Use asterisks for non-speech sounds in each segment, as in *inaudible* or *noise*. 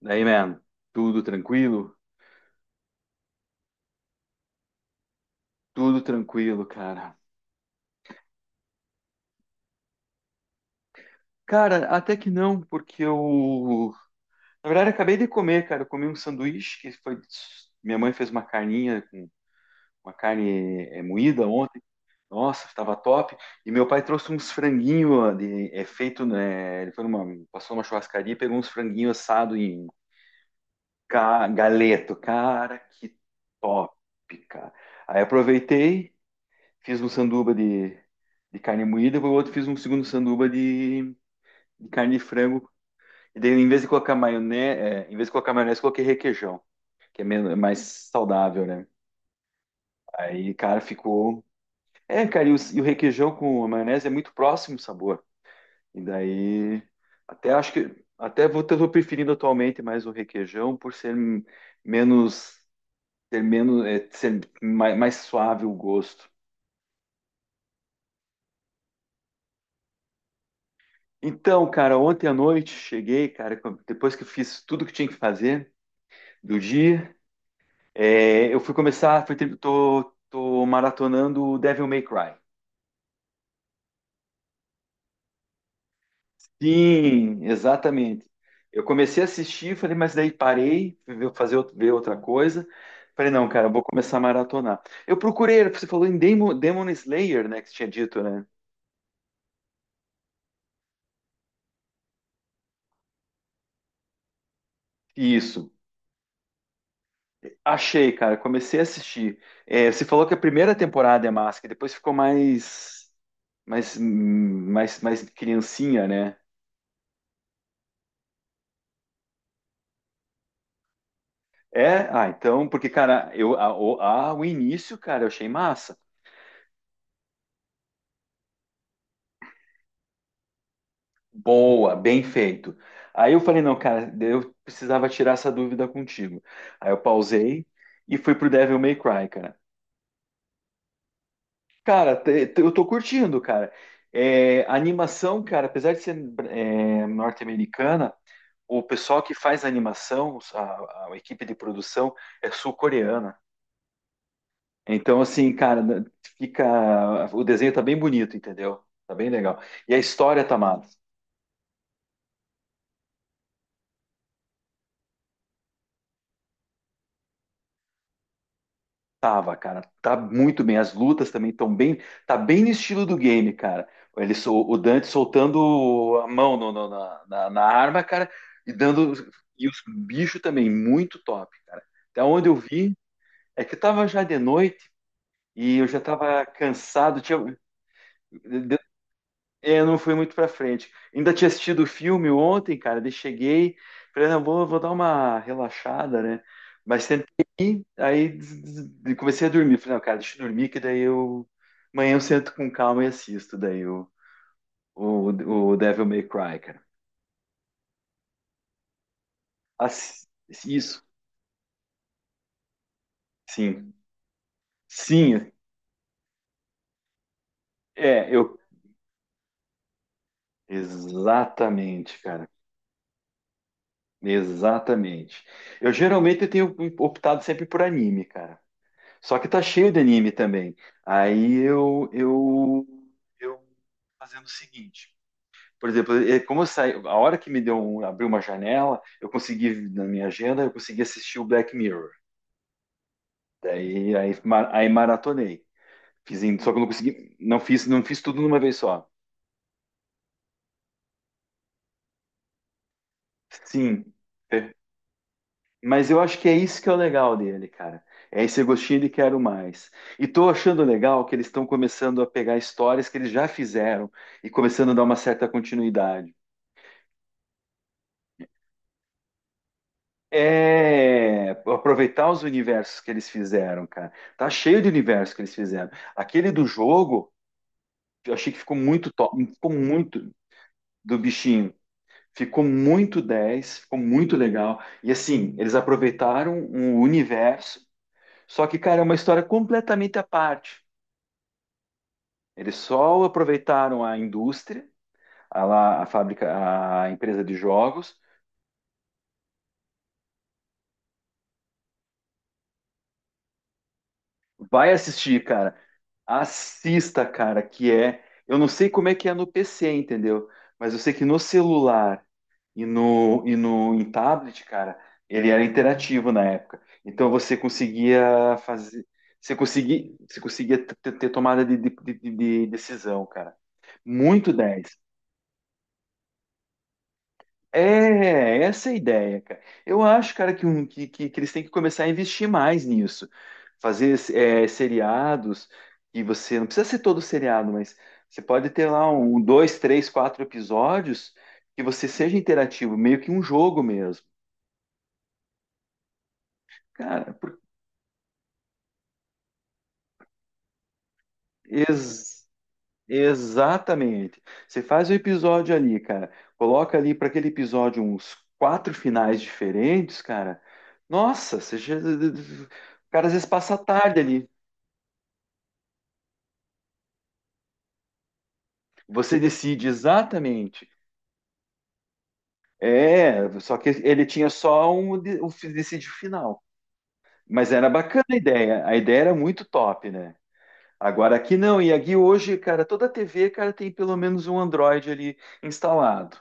Daí, man, tudo tranquilo? Tudo tranquilo, cara. Cara, até que não, porque eu. Na verdade, eu acabei de comer, cara. Eu comi um sanduíche que foi. Minha mãe fez uma carninha com uma carne moída ontem. Nossa, estava top. E meu pai trouxe uns franguinhos de, é feito, né? Ele foi numa. Passou numa churrascaria e pegou uns franguinhos assados em galeto. Cara, que top, cara. Aí aproveitei. Fiz um sanduba de carne moída, o outro fiz um segundo sanduba de carne de frango. E daí, em vez de colocar maionese, coloquei requeijão, que é menos, é mais saudável, né? Aí, cara, ficou. É, cara, e o requeijão com a maionese é muito próximo o sabor. E daí, até acho que. Até vou, tô preferindo atualmente mais o requeijão por ser menos. Ter menos, ser mais suave o gosto. Então, cara, ontem à noite cheguei, cara, depois que eu fiz tudo que tinha que fazer do dia, eu fui começar, tô maratonando o Devil May Cry. Sim, exatamente. Eu comecei a assistir, falei, mas daí parei, fazer, ver outra coisa. Falei, não, cara, eu vou começar a maratonar. Eu procurei, você falou em Demon Slayer, né, que você tinha dito, né? Isso. Achei, cara, comecei a assistir. É, você falou que a primeira temporada é massa, que depois ficou mais criancinha, né? É, ah, então, porque, cara, eu, a- o início, cara, eu achei massa. Boa, bem feito. Aí eu falei, não, cara, eu precisava tirar essa dúvida contigo. Aí eu pausei e fui pro Devil May Cry, cara. Cara, eu tô curtindo, cara. É, a animação, cara, apesar de ser norte-americana, o pessoal que faz a animação, a equipe de produção, é sul-coreana. Então, assim, cara, fica. O desenho tá bem bonito, entendeu? Tá bem legal. E a história tá massa. Tava, cara, tá muito bem. As lutas também estão bem, tá bem no estilo do game, cara. Ele, o Dante soltando a mão na arma, cara, e dando. E os bichos também, muito top, cara. Até onde eu vi, é que tava já de noite e eu já tava cansado. Tinha, não fui muito pra frente. Ainda tinha assistido o filme ontem, cara, daí cheguei, falei, não, vou dar uma relaxada, né? Mas sentei, aí comecei a dormir. Falei, não, cara, deixa eu dormir, que daí eu. Amanhã eu sento com calma e assisto daí o, o Devil May Cry, cara. Ass- Isso, sim. Sim, é, eu. Exatamente, cara. Exatamente. Eu geralmente eu tenho optado sempre por anime, cara. Só que tá cheio de anime também. Aí eu fazendo o seguinte. Por exemplo, como eu saí, a hora que me deu um, abriu uma janela, eu consegui na minha agenda, eu consegui assistir o Black Mirror. Daí aí, aí maratonei. Fiz, só que eu não consegui, não fiz tudo numa vez só. Sim. Mas eu acho que é isso que é o legal dele, cara. É esse gostinho de quero mais. E tô achando legal que eles estão começando a pegar histórias que eles já fizeram e começando a dar uma certa continuidade. É aproveitar os universos que eles fizeram, cara. Tá cheio de universos que eles fizeram. Aquele do jogo, eu achei que ficou muito top, ficou muito do bichinho. Ficou muito 10, ficou muito legal. E assim, eles aproveitaram um universo, só que, cara, é uma história completamente à parte. Eles só aproveitaram a indústria, a fábrica, a empresa de jogos. Vai assistir, cara. Assista, cara, que é. Eu não sei como é que é no PC, entendeu? Mas eu sei que no celular e no em tablet, cara, ele era interativo na época. Então você conseguia fazer. Você conseguia ter tomada de decisão, cara. Muito 10. É, essa é a ideia, cara. Eu acho, cara, que eles têm que começar a investir mais nisso. Fazer seriados e você não precisa ser todo seriado, mas você pode ter lá um, dois, três, quatro episódios que você seja interativo, meio que um jogo mesmo. Cara, Exatamente. Você faz o episódio ali, cara. Coloca ali para aquele episódio uns quatro finais diferentes, cara. Nossa, você já. O cara às vezes passa a tarde ali. Você decide exatamente. É, só que ele tinha só um, decide o final. Mas era bacana a ideia. A ideia era muito top, né? Agora aqui não. E aqui hoje, cara, toda TV, cara, tem pelo menos um Android ali instalado.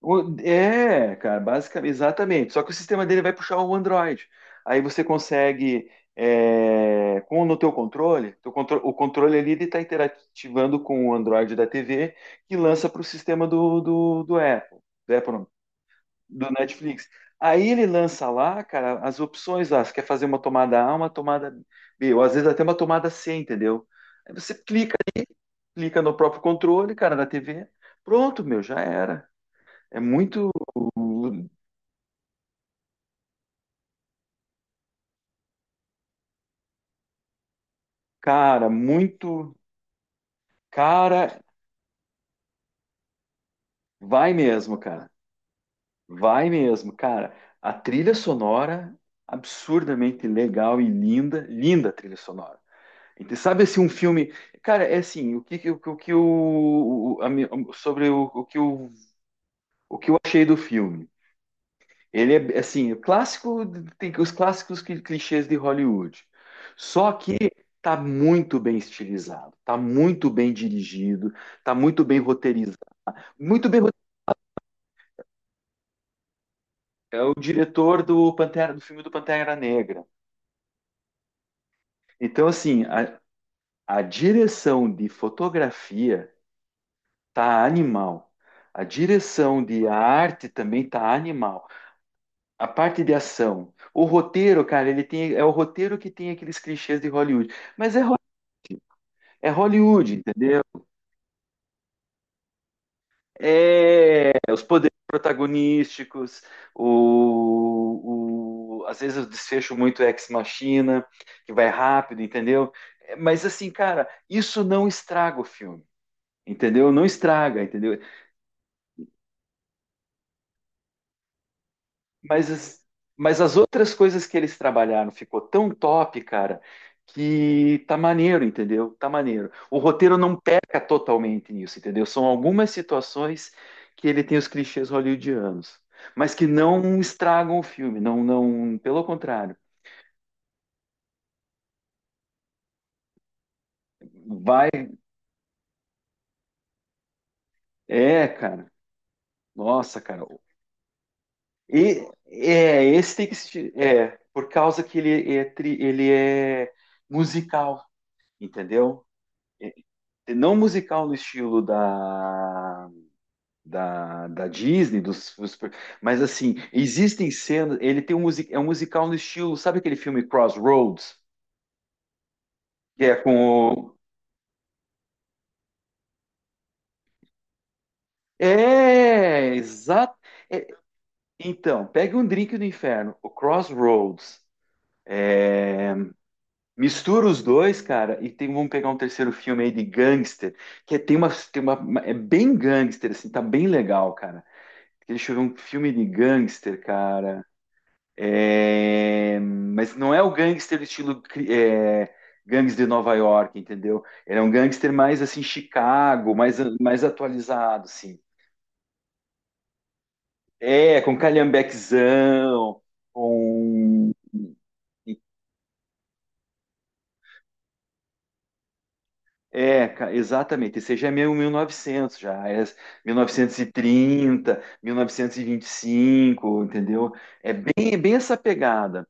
É, cara, basicamente, exatamente. Só que o sistema dele vai puxar o Android. Aí você consegue, com no teu controle, o controle ali ele está interativando com o Android da TV que lança para o sistema do Apple não, do Netflix. Aí ele lança lá, cara, as opções lá. Você quer fazer uma tomada A, uma tomada B, ou às vezes até uma tomada C, entendeu? Aí você clica no próprio controle, cara, da TV. Pronto, meu, já era. É muito. Cara, muito. Cara, vai mesmo, cara. Vai mesmo, cara. A trilha sonora, absurdamente legal e linda. Linda a trilha sonora. Então, sabe assim, um filme. Cara, é assim, o que, o, que- o que o. a mi- sobre o que eu achei do filme. Ele é assim, o clássico, tem os clássicos clichês de Hollywood. Só que tá muito bem estilizado, tá muito bem dirigido, tá muito bem roteirizado. Muito bem é o diretor do Pantera, do filme do Pantera Negra. Então, assim, a direção de fotografia tá animal. A direção de arte também tá animal. A parte de ação. O roteiro, cara, ele tem, é o roteiro que tem aqueles clichês de Hollywood. Mas é, é Hollywood, entendeu? É, os poderes protagonísticos, às vezes o desfecho muito ex-machina, que vai rápido, entendeu? É, mas assim, cara, isso não estraga o filme, entendeu? Não estraga, entendeu? Mas as, mas as outras coisas que eles trabalharam ficou tão top, cara, que tá maneiro, entendeu? Tá maneiro. O roteiro não peca totalmente nisso, entendeu? São algumas situações que ele tem os clichês hollywoodianos, mas que não estragam o filme, não, não, pelo contrário. Vai, é, cara. Nossa, cara. E é, esse tem que assistir, por causa que ele é musical, entendeu? Não musical no estilo da, da Disney, mas assim, existem cenas. Ele tem é um musical no estilo, sabe aquele filme Crossroads? Que é com o. É, exato. É, então, pegue um drink do inferno, o Crossroads. É, mistura os dois, cara, e tem, vamos pegar um terceiro filme aí de gangster, que é, é bem gangster, assim, tá bem legal, cara. Deixa eu ver um filme de gangster, cara. É, mas não é o gangster estilo gangster de Nova York, entendeu? Ele é um gangster mais assim Chicago, mais atualizado, assim. É, com calhambequezão, com exatamente. Esse já é meio 1900 já, é 1930, 1925, entendeu? É bem essa pegada.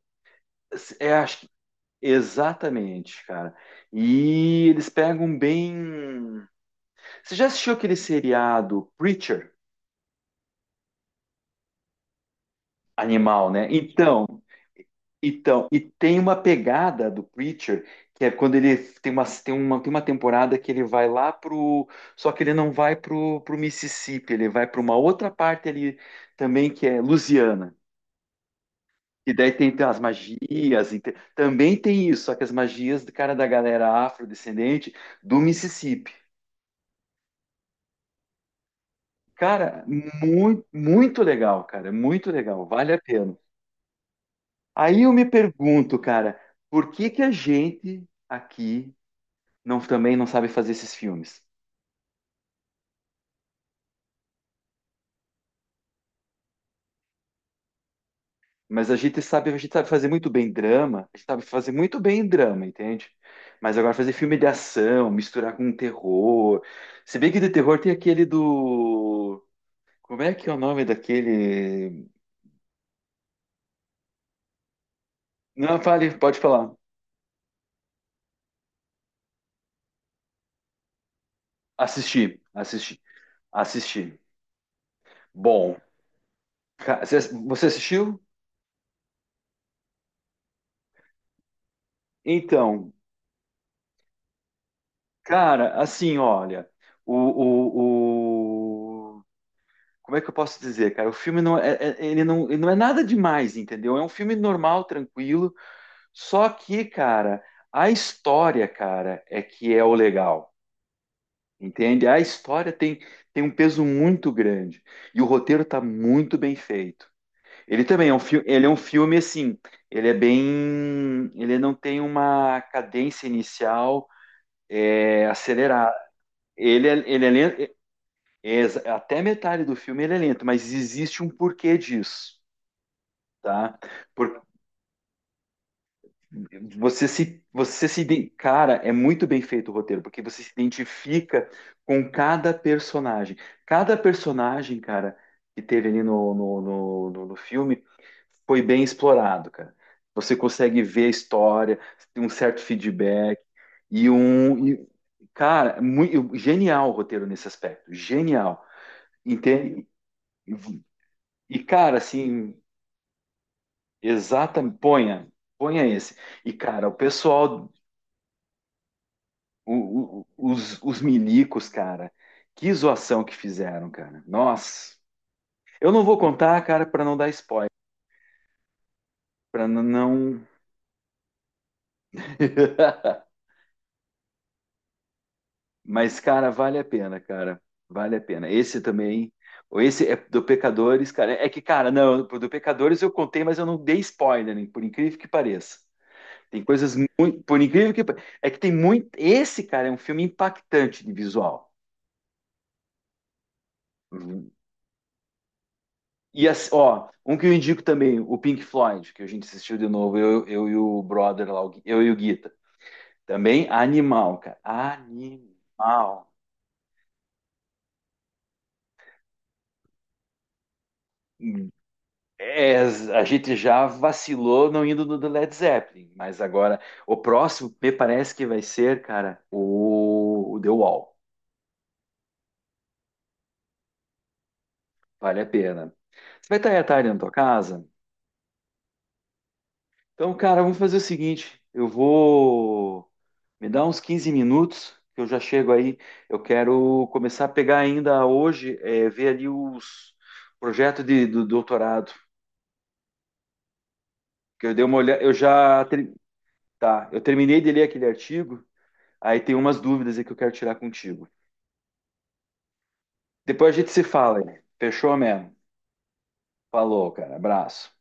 É, exatamente, cara. E eles pegam bem. Você já assistiu aquele seriado Preacher? Animal, né? Então, e tem uma pegada do Preacher que é quando ele tem tem uma temporada que ele vai lá pro. Só que ele não vai pro Mississippi, ele vai para uma outra parte ali também que é Louisiana. E daí tem as magias, e também tem isso, só que as magias do cara da galera afrodescendente do Mississippi. Cara, muito, muito legal, cara, muito legal, vale a pena. Aí eu me pergunto, cara, por que que a gente aqui não também não sabe fazer esses filmes? Mas a gente sabe fazer muito bem drama, a gente sabe fazer muito bem drama, entende? Mas agora fazer filme de ação, misturar com terror. Se bem que de terror tem aquele do. Como é que é o nome daquele? Não, fale, pode falar. Assisti, assisti, assisti. Bom, ca- você você assistiu? Então, cara, assim, olha, o, o, o- como é que eu posso dizer, cara? O filme não é, ele não é nada demais, entendeu? É um filme normal, tranquilo. Só que, cara, a história, cara, é que é o legal, entende? A história tem um peso muito grande e o roteiro tá muito bem feito. Ele também é um filme, ele é um filme assim, ele é bem, ele não tem uma cadência inicial acelerada. Ele é lento, É Até metade do filme ele é lento, mas existe um porquê disso, tá? Por- Você se, cara, é muito bem feito o roteiro, porque você se identifica com cada personagem. Cada personagem, cara, que teve ali no filme foi bem explorado, cara. Você consegue ver a história, tem um certo feedback e um, e- cara, muito, genial o roteiro nesse aspecto, genial. Entende? E, cara, assim, exatamente, ponha esse. E, cara, o pessoal, os milicos, cara, que zoação que fizeram, cara. Nossa, eu não vou contar, cara, pra não dar spoiler, não. *laughs* Mas, cara, vale a pena, cara, vale a pena. Esse também, ou esse é do Pecadores, cara. É que, cara, não, do Pecadores eu contei, mas eu não dei spoiler, hein, por incrível que pareça. Tem coisas muito. Por incrível que. É que tem muito. Esse, cara, é um filme impactante de visual. Uhum. E, assim, ó, um que eu indico também, o Pink Floyd, que a gente assistiu de novo, eu e o brother lá, o eu e o Guita. Também animal, cara. Animal. É, a gente já vacilou não indo no do Led Zeppelin, mas agora o próximo me parece que vai ser, cara, o The Wall. Vale a pena. Você vai estar aí à tarde na tua casa? Então, cara, vamos fazer o seguinte: eu vou me dar uns 15 minutos, que eu já chego aí. Eu quero começar a pegar ainda hoje, ver ali os projetos do doutorado. Que eu dei uma olhada, eu já tá, eu terminei de ler aquele artigo, aí tem umas dúvidas aí que eu quero tirar contigo. Depois a gente se fala aí. Fechou mesmo? Falou, cara. Abraço.